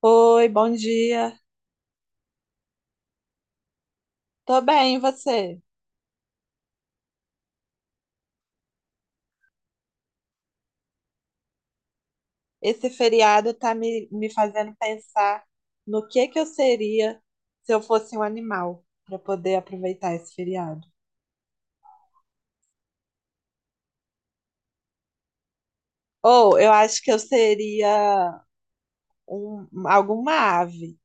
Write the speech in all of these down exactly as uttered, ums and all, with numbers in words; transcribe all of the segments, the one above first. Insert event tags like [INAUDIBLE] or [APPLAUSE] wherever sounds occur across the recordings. Oi, bom dia. Tô bem, e você? Esse feriado tá me, me fazendo pensar no que que eu seria se eu fosse um animal para poder aproveitar esse feriado. Ou eu acho que eu seria um, alguma ave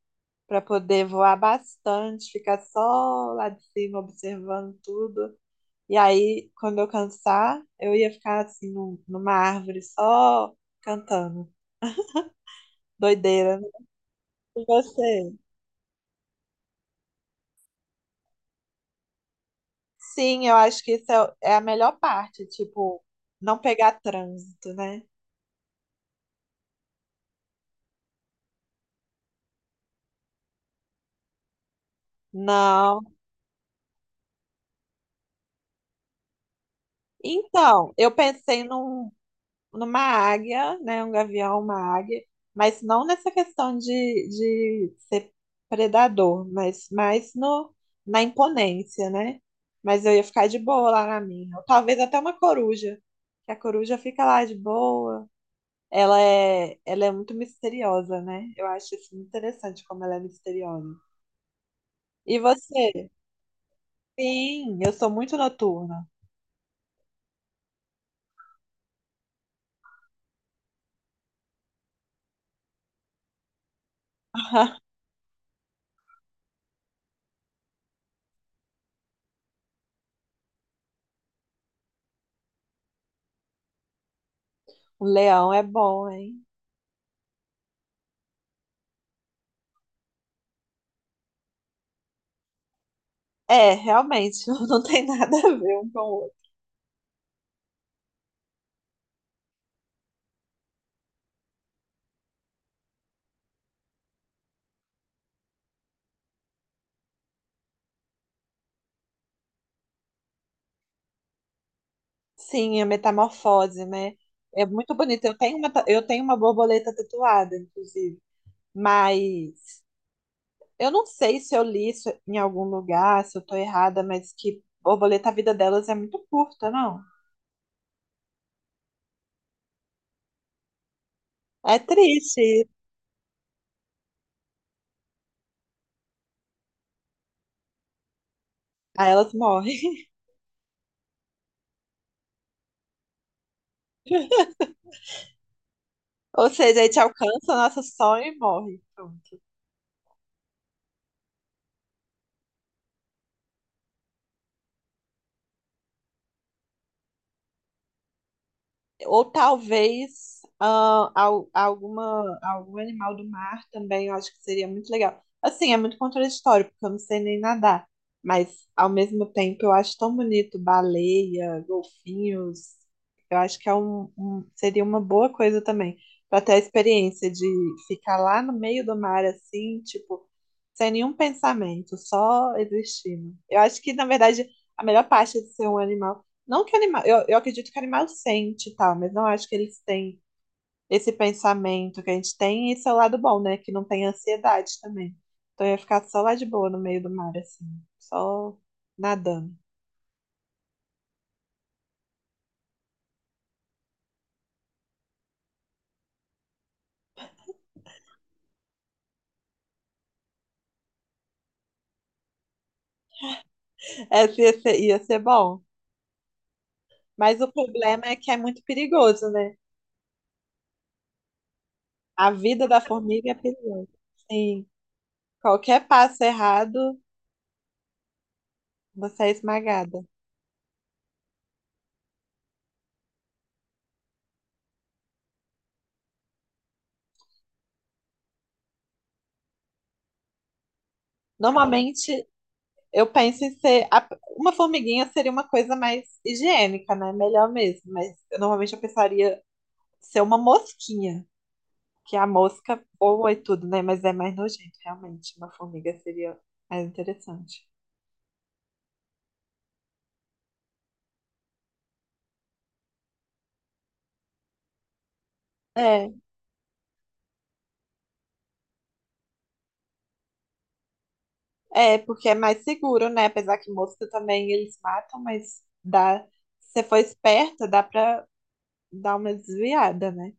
para poder voar bastante, ficar só lá de cima observando tudo. E aí, quando eu cansar, eu ia ficar assim num- numa árvore só cantando. Doideira, né? E você? Sim, eu acho que isso é, é a melhor parte, tipo, não pegar trânsito, né? Não. Então, eu pensei num, numa águia, né? Um gavião, uma águia, mas não nessa questão de, de ser predador, mas mais no, na imponência, né? Mas eu ia ficar de boa lá na minha. Ou talvez até uma coruja, que a coruja fica lá de boa. Ela é, ela é muito misteriosa, né? Eu acho isso muito interessante como ela é misteriosa. E você? Sim, eu sou muito noturna. [LAUGHS] O leão é bom, hein? É, realmente, [LAUGHS] não tem nada a ver um com o outro. Sim, a metamorfose, né? É muito bonito. Eu tenho uma, ta- eu tenho uma borboleta tatuada, inclusive. Mas eu não sei se eu li isso em algum lugar, se eu tô errada, mas que borboleta, a vida delas é muito curta, não? É triste. Aí elas morrem. [LAUGHS] Ou seja, a gente alcança o nosso sonho e morre. Pronto. Ou talvez ah, al- alguma, algum animal do mar também, eu acho que seria muito legal. Assim, é muito contraditório, porque eu não sei nem nadar. Mas, ao mesmo tempo, eu acho tão bonito baleia, golfinhos. Eu acho que é um, um- seria uma boa coisa também, para ter a experiência de ficar lá no meio do mar, assim, tipo, sem nenhum pensamento, só existindo. Eu acho que, na verdade, a melhor parte de ser um animal não que animal, eu, eu acredito que animal sente e tal, mas não acho que eles têm esse pensamento que a gente tem, e esse é o lado bom, né? Que não tem ansiedade também. Então eu ia ficar só lá de boa no meio do mar, assim, só nadando. É, ia ser, ia ser bom. Mas o problema é que é muito perigoso, né? A vida da formiga é perigosa. Sim, qualquer passo errado, você é esmagada. Normalmente, eu penso em ser. a- Uma formiguinha seria uma coisa mais higiênica, né? Melhor mesmo. Mas eu, normalmente eu pensaria ser uma mosquinha, que a mosca voa e tudo, né? Mas é mais nojento, realmente. Uma formiga seria mais interessante. É, é, porque é mais seguro, né? Apesar que mosca também eles matam, mas dá. Se você for esperta, dá pra dar uma desviada, né?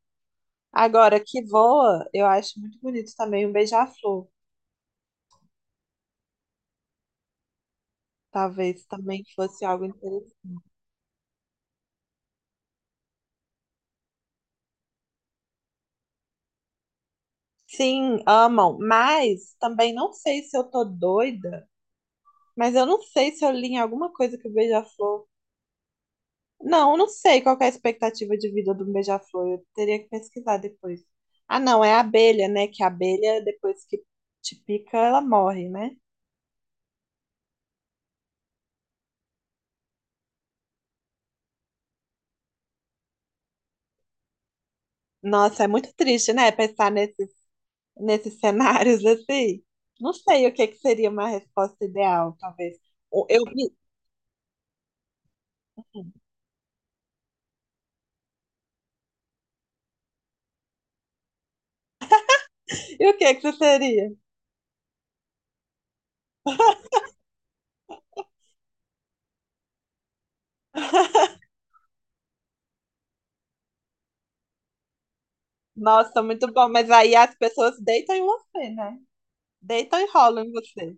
Agora, que voa, eu acho muito bonito também um beija-flor. Talvez também fosse algo interessante. Sim, amam, mas também não sei se eu tô doida, mas eu não sei se eu li em alguma coisa que o Beija-Flor. Não, eu não sei qual que é a expectativa de vida do Beija-Flor, eu teria que pesquisar depois. Ah, não, é a abelha, né? Que a abelha, depois que te pica, ela morre, né? Nossa, é muito triste, né? Pensar nesses, nesses cenários [LAUGHS] assim. Não sei o que que seria uma resposta ideal, talvez. O- Eu, [LAUGHS] e o que que você seria? Nossa, muito bom. Mas aí as pessoas deitam em você, né? Deitam e rolam em você.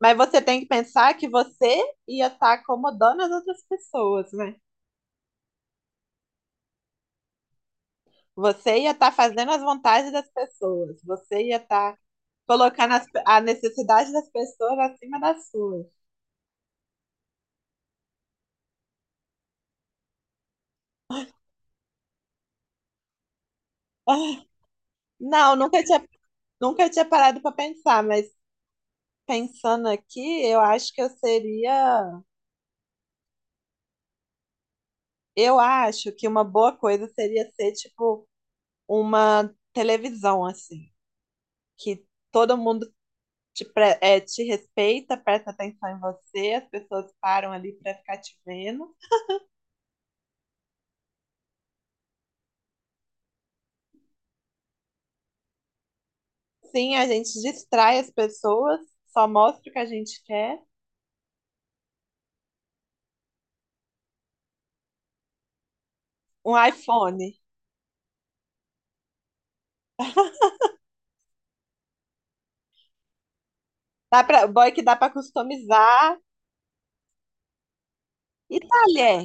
Mas você tem que pensar que você ia estar acomodando as outras pessoas, né? Você ia estar fazendo as vontades das pessoas. Você ia estar colocando as- a necessidade das pessoas acima das suas. Ah, não, nunca tinha, nunca tinha parado para pensar, mas pensando aqui, eu acho que eu seria. Eu acho que uma boa coisa seria ser, tipo, uma televisão, assim. Que todo mundo te, pre- é, te respeita, presta atenção em você, as pessoas param ali para ficar te vendo. Sim, a gente distrai as pessoas, só mostra o que a gente quer. Um iPhone. Dá pra, boy que dá para customizar. E talher.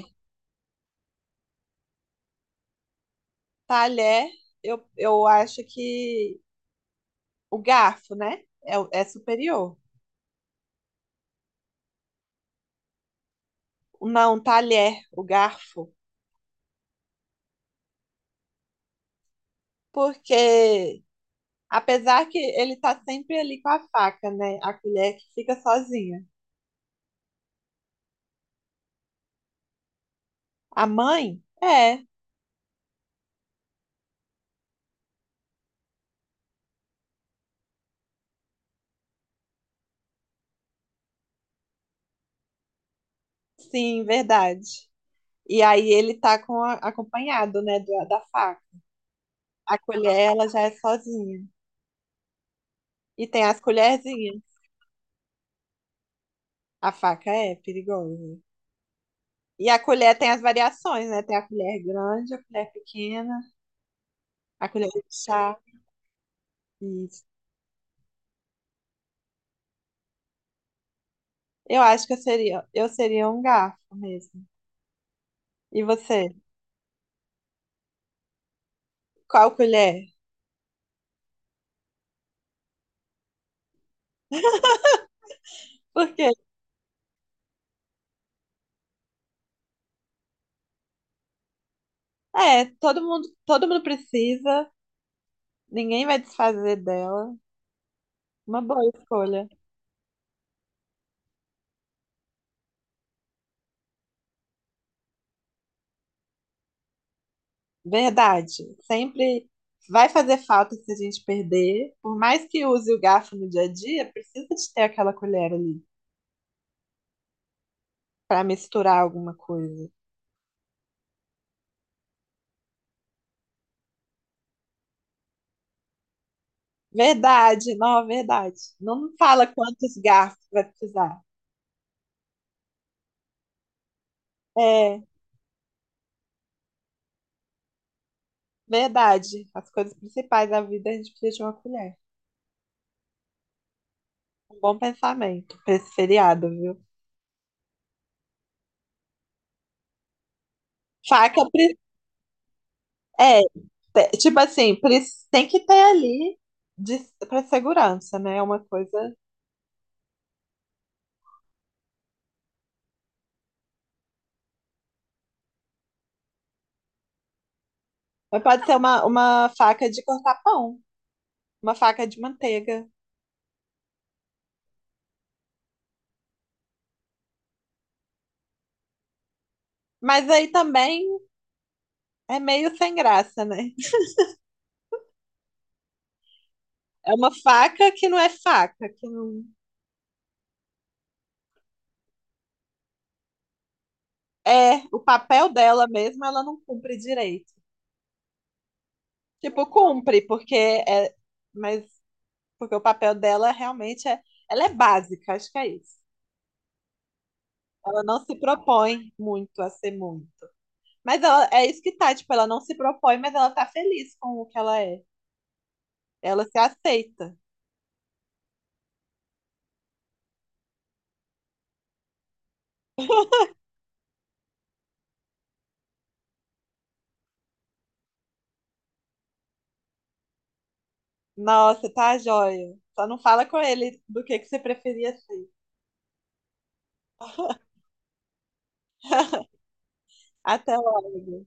Talher, eu, eu acho que o garfo, né? É, o- é superior. Não, talher, o garfo. Porque apesar que ele tá sempre ali com a faca, né? A colher que fica sozinha. A mãe? É, sim, verdade. E aí ele tá com a- acompanhado, né, da da faca. A colher, ela já é sozinha. E tem as colherzinhas. A faca é perigosa. E a colher tem as variações, né? Tem a colher grande, a colher pequena, a colher de chá. Isso. Eu acho que eu seria, eu seria um garfo mesmo. E você? Qual colher? Porque é, todo mundo, todo mundo precisa, ninguém vai desfazer dela. Uma boa escolha. Verdade. Sempre vai fazer falta se a gente perder. Por mais que use o garfo no dia a dia, precisa de ter aquela colher ali para misturar alguma coisa. Verdade, não, verdade. Não fala quantos garfos vai precisar. É, verdade. As coisas principais da vida a gente precisa de uma colher. Um bom pensamento para esse feriado, viu? Faca, pre- é, te- tipo assim, pre- Tem que ter ali de, para segurança, né? É uma coisa. Mas pode ser uma, uma faca de cortar pão, uma faca de manteiga. Mas aí também é meio sem graça, né? É uma faca que não é faca, que não é o papel dela mesmo, ela não cumpre direito. Tipo, cumpre, porque é, mas porque o papel dela realmente é, ela é básica, acho que é isso. Ela não se propõe muito a ser muito. Mas ela, é isso que tá, tipo, ela não se propõe, mas ela tá feliz com o que ela é. Ela se aceita. Nossa, tá joia. Só não fala com ele do que que você preferia ser. [LAUGHS] Até logo.